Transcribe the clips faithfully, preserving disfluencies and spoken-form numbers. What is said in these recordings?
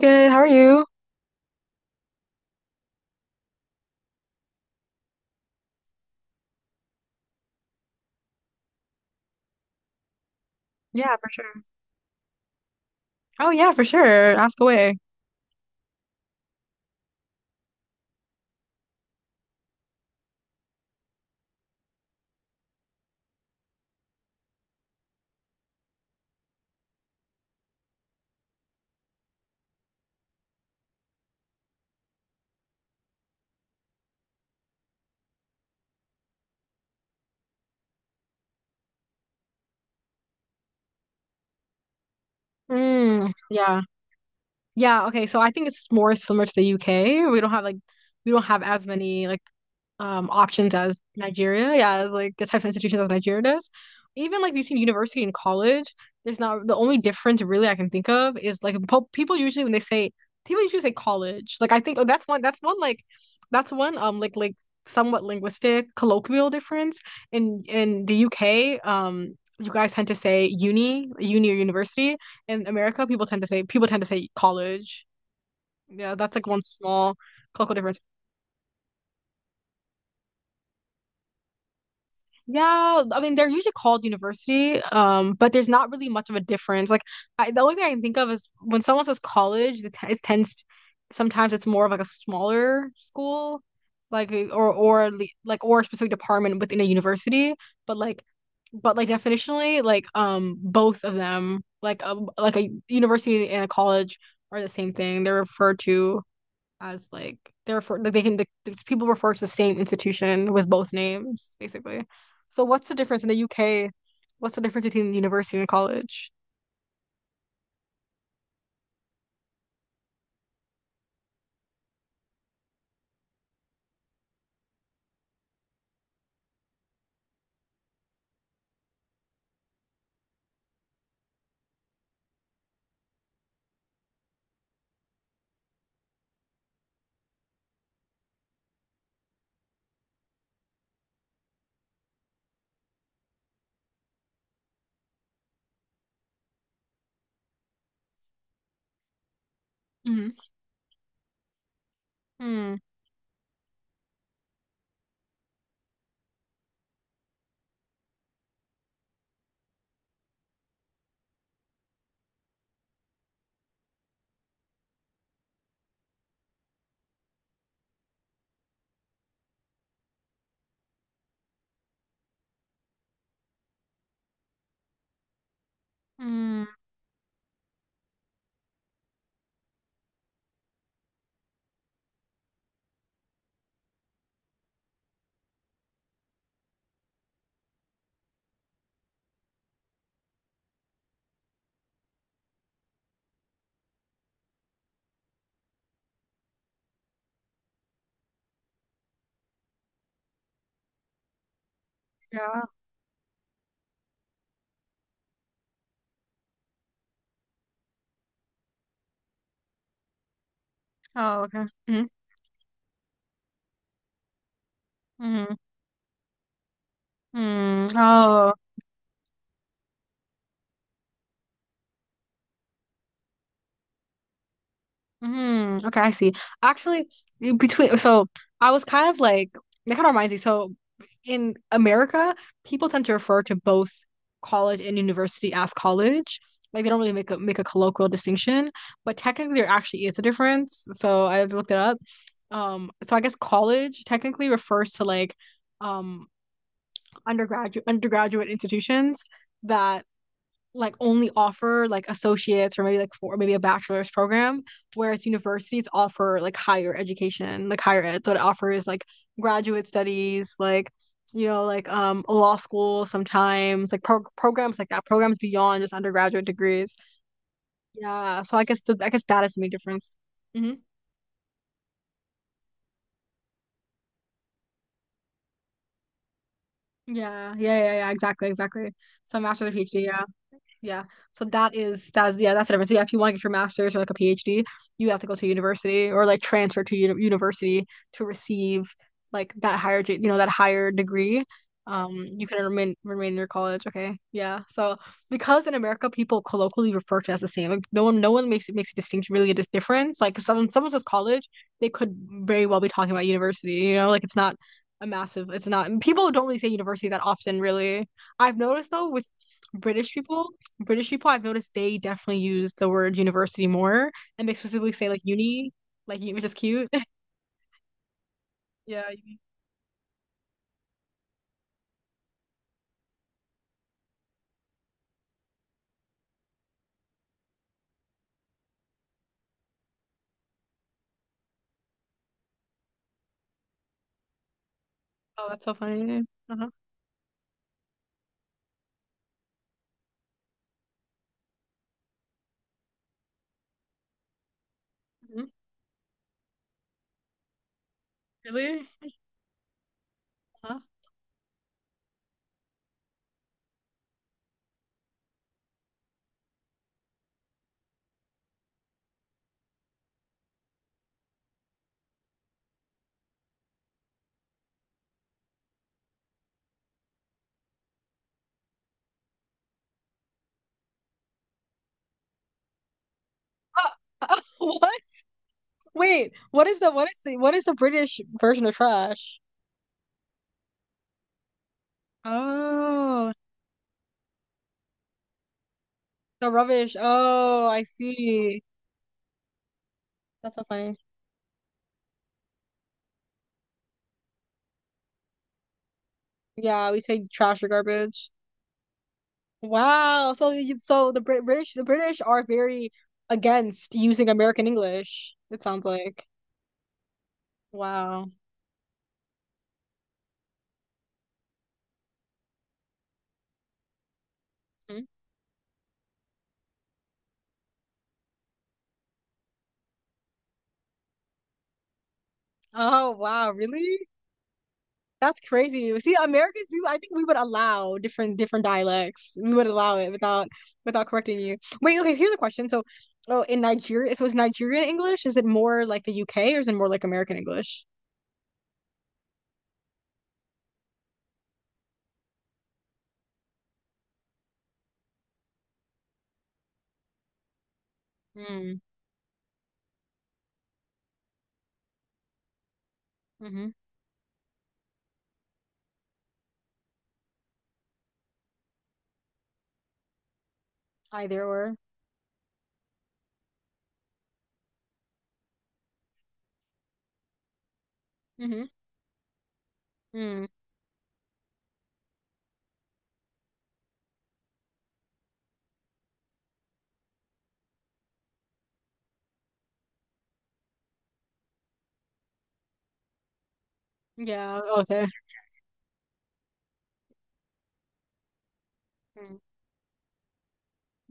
Good. How are you? Yeah, for sure. Oh, yeah, for sure. Ask away. Mm, yeah. Yeah, okay. So I think it's more similar to the U K. We don't have like we don't have as many like um options as Nigeria, yeah, as like the type of institutions as Nigeria does. Even like between university and college, there's not the only difference really I can think of is like po- people usually when they say people usually say college. Like I think oh that's one that's one like that's one um like like somewhat linguistic colloquial difference in in the U K, um you guys tend to say uni uni or university. In America people tend to say people tend to say college. Yeah, that's like one small colloquial difference. Yeah, I mean they're usually called university, um, but there's not really much of a difference. Like I, the only thing I can think of is when someone says college, it, t it tends sometimes it's more of like a smaller school, like uh, or or le- like or a specific department within a university. But like, but like definitionally, like um, both of them, like a like a university and a college, are the same thing. They're referred to as like they're for like, they can like, people refer to the same institution with both names basically. So what's the difference in the U K? What's the difference between university and college? Mm-hmm. Mm-hmm. Yeah. Oh, okay. Mm-hmm. Mm-hmm. Mm. Oh, mm, okay, I see. Actually, in between, so I was kind of like, that kind of reminds me. So in America, people tend to refer to both college and university as college. Like they don't really make a make a colloquial distinction, but technically there actually is a difference. So I just looked it up. Um, so I guess college technically refers to like um undergraduate undergraduate institutions that like only offer like associates or maybe like for maybe a bachelor's program, whereas universities offer like higher education, like higher ed. So it offers like graduate studies, like you know, like um law school sometimes, like pro- programs like that, programs beyond just undergraduate degrees. Yeah, so I guess th- I guess that is the main difference. Hmm. Yeah, yeah, yeah, yeah, exactly, exactly. So master's or PhD, yeah. Yeah. So that is that's yeah, that's the difference. Yeah, if you want to get your master's or like a PhD, you have to go to university or like transfer to uni- university to receive like that higher, ge- you know, that higher degree. Um, you can remain remain in your college. Okay. Yeah. So because in America people colloquially refer to it as the same. Like no one no one makes it makes a distinction really a dis- difference. Like if someone someone says college, they could very well be talking about university, you know, like it's not a massive it's not people don't really say university that often really. I've noticed though with British people British people, I've noticed they definitely use the word university more, and they specifically say like uni, like uni, which is cute. Yeah. Uni. Oh, that's so funny. Uh-huh. Mhm. Really? Uh-huh. Ah, ah, what? Wait, what is the what is the what is the British version of trash? Oh, the rubbish. Oh, I see. That's so funny. Yeah, we say trash or garbage. Wow. So you, so the Brit British the British are very against using American English, it sounds like. Wow. Mhm. Oh wow, really? That's crazy. See, Americans, we, I think we would allow different different dialects. We would allow it without without correcting you. Wait, okay, here's a question. So, oh, in Nigeria, so is Nigerian English? Is it more like the U K or is it more like American English? Mm, mm-hmm. Either or. Mm-hmm. Mm. Yeah, okay.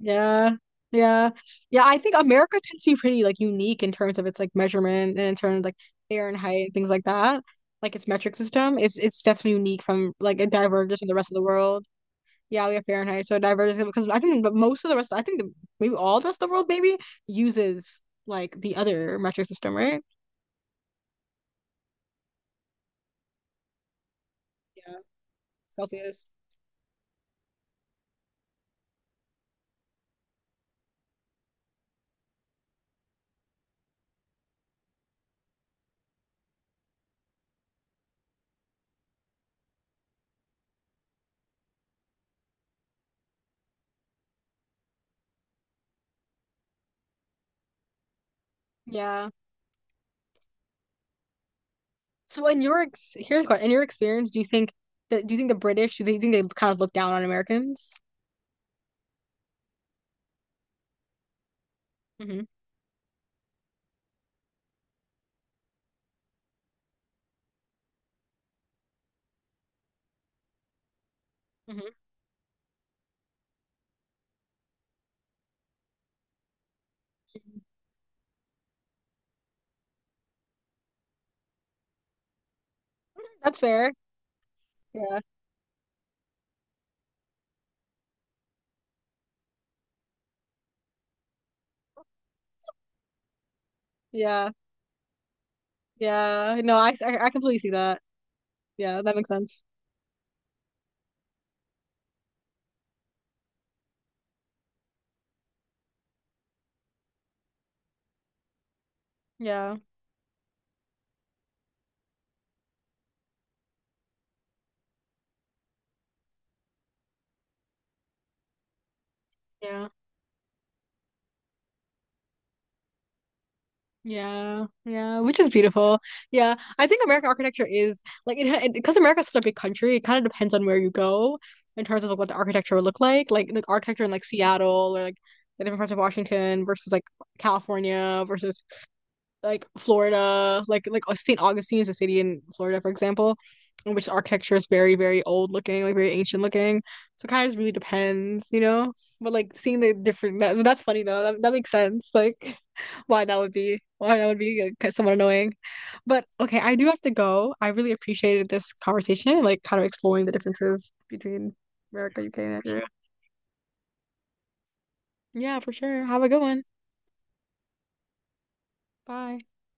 Yeah. Yeah. Yeah, I think America tends to be pretty like unique in terms of its like measurement and in terms of like air and height and things like that. Like its metric system is it's definitely unique from like it diverges from the rest of the world. Yeah, we have Fahrenheit, so it diverges because I think but most of the rest I think the, maybe all the rest of the world maybe uses like the other metric system, right? Yeah. Celsius. Yeah. So in your ex here's what in your experience, do you think that do you think the British do you think they kind of look down on Americans? Hmm. Hmm. That's fair. Yeah, yeah, yeah. No, I, I, I completely see that. Yeah, that makes sense. Yeah, yeah, yeah, yeah. Which is beautiful. Yeah, I think American architecture is like it, ha- it because America's such a big country. It kind of depends on where you go in terms of like, what the architecture would look like. Like the architecture in like Seattle or like the different parts of Washington versus like California versus like Florida, like like saint Augustine is a city in Florida, for example, in which architecture is very, very old looking, like very ancient looking. So it kind of just really depends, you know? But like seeing the different that, that's funny though. That, that makes sense. Like why that would be why that would be like, somewhat annoying. But okay, I do have to go. I really appreciated this conversation and like kind of exploring the differences between America, U K, and Nigeria. Yeah, for sure. Have a good one. Bye.